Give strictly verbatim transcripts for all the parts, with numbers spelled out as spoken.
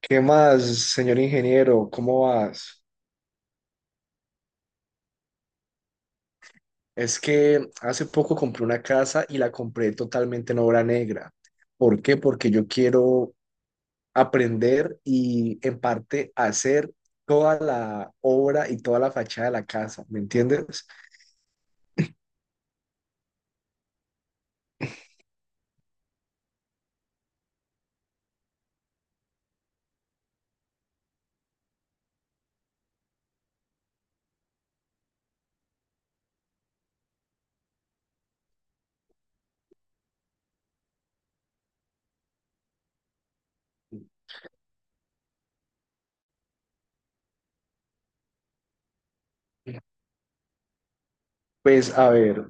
¿Qué más, señor ingeniero? ¿Cómo vas? Es que hace poco compré una casa y la compré totalmente en obra negra. ¿Por qué? Porque yo quiero aprender y en parte hacer toda la obra y toda la fachada de la casa, ¿me entiendes? Pues a ver,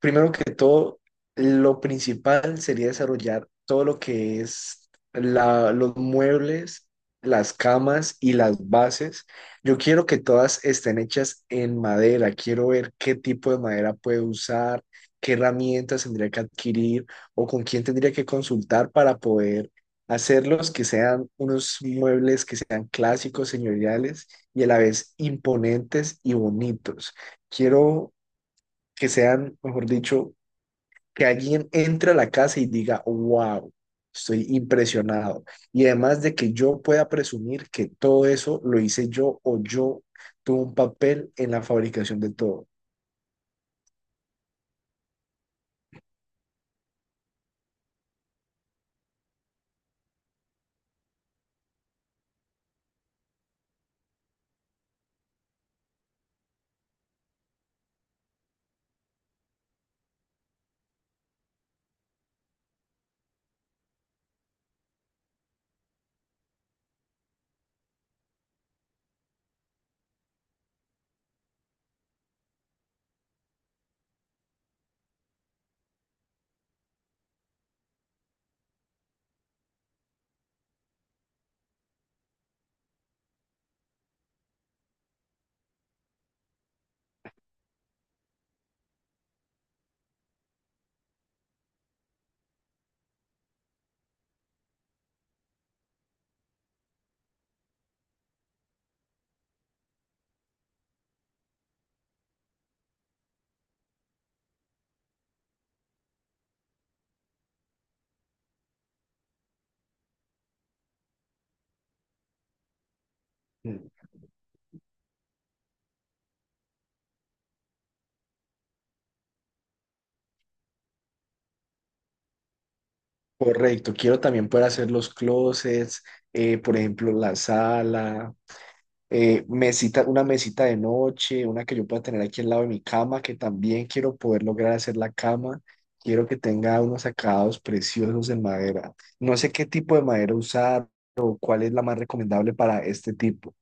primero que todo, lo principal sería desarrollar todo lo que es la- los muebles, las camas y las bases. Yo quiero que todas estén hechas en madera. Quiero ver qué tipo de madera puede usar, qué herramientas tendría que adquirir o con quién tendría que consultar para poder hacerlos, que sean unos muebles que sean clásicos, señoriales y a la vez imponentes y bonitos. Quiero que sean, mejor dicho, que alguien entre a la casa y diga, wow, estoy impresionado. Y además de que yo pueda presumir que todo eso lo hice yo o yo tuve un papel en la fabricación de todo. Mm. Correcto, quiero también poder hacer los closets, eh, por ejemplo, la sala, eh, mesita, una mesita de noche, una que yo pueda tener aquí al lado de mi cama, que también quiero poder lograr hacer la cama. Quiero que tenga unos acabados preciosos en madera. No sé qué tipo de madera usar o cuál es la más recomendable para este tipo.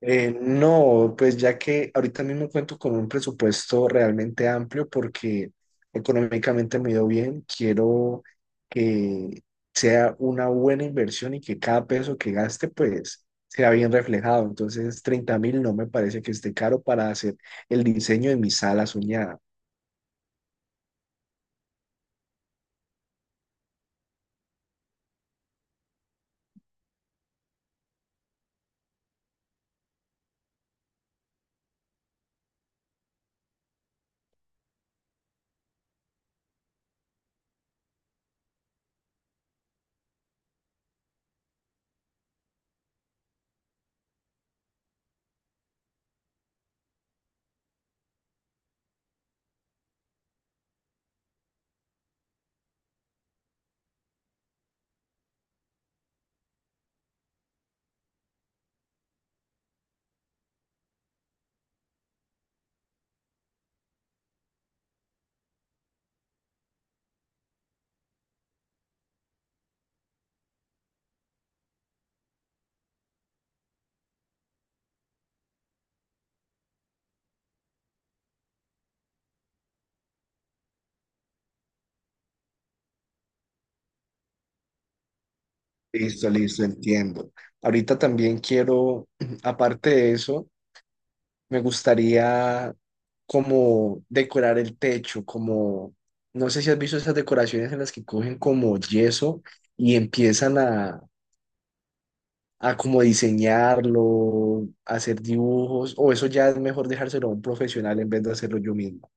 Eh, no, pues ya que ahorita mismo cuento con un presupuesto realmente amplio porque económicamente me ha ido bien, quiero que sea una buena inversión y que cada peso que gaste pues sea bien reflejado. Entonces, treinta mil no me parece que esté caro para hacer el diseño de mi sala soñada. Listo, listo, entiendo. Ahorita también quiero, aparte de eso, me gustaría como decorar el techo, como, no sé si has visto esas decoraciones en las que cogen como yeso y empiezan a, a como diseñarlo, hacer dibujos, o eso ya es mejor dejárselo a un profesional en vez de hacerlo yo mismo.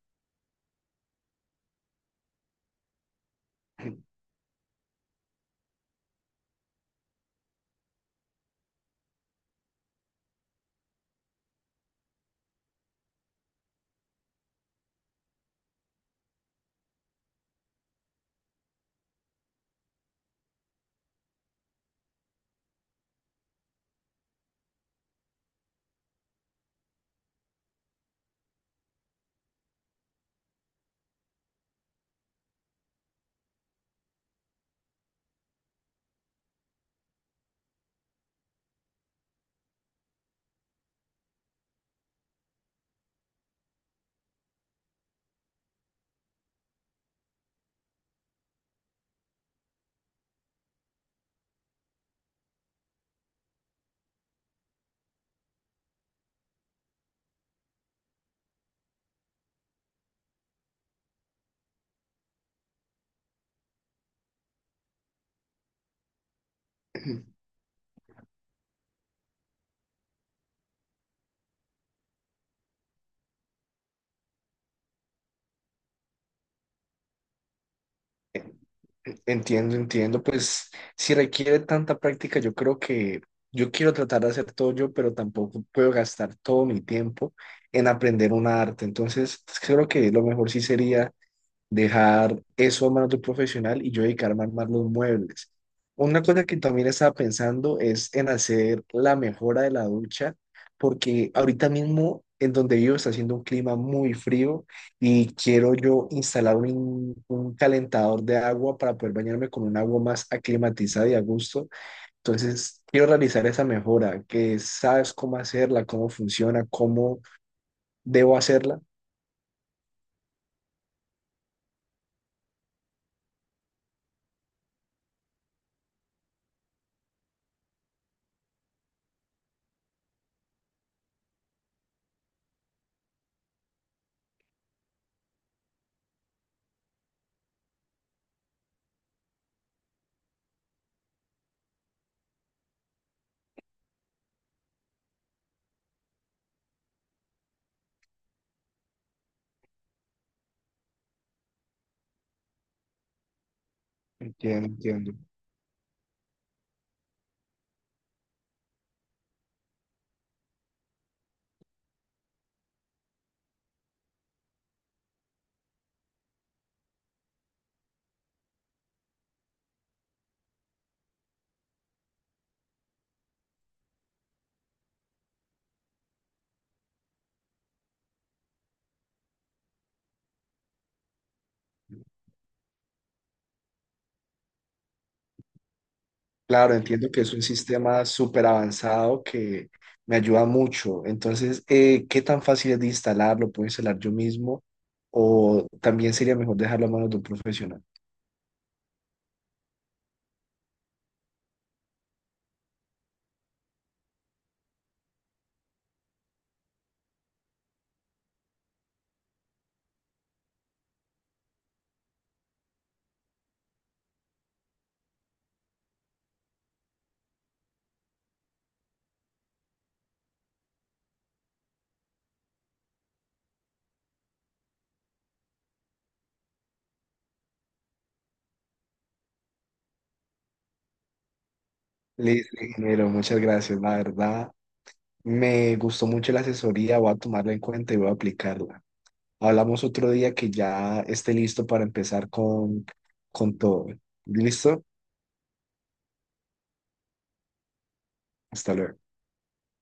Entiendo, entiendo, pues si requiere tanta práctica, yo creo que yo quiero tratar de hacer todo yo, pero tampoco puedo gastar todo mi tiempo en aprender un arte. Entonces, pues, creo que lo mejor sí sería dejar eso a manos de un profesional y yo dedicarme a armar los muebles. Una cosa que también estaba pensando es en hacer la mejora de la ducha, porque ahorita mismo en donde vivo está haciendo un clima muy frío y quiero yo instalar un, in- un calentador de agua para poder bañarme con un agua más aclimatizada y a gusto. Entonces, quiero realizar esa mejora, que sabes cómo hacerla, cómo funciona, cómo debo hacerla. Entiendo, entiendo. Claro, entiendo que es un sistema súper avanzado que me ayuda mucho. Entonces, eh, ¿qué tan fácil es de instalar? ¿Lo puedo instalar yo mismo? ¿O también sería mejor dejarlo a manos de un profesional? Listo, ingeniero, muchas gracias. La verdad, me gustó mucho la asesoría, voy a tomarla en cuenta y voy a aplicarla. Hablamos otro día que ya esté listo para empezar con, con todo. ¿Listo? Hasta luego.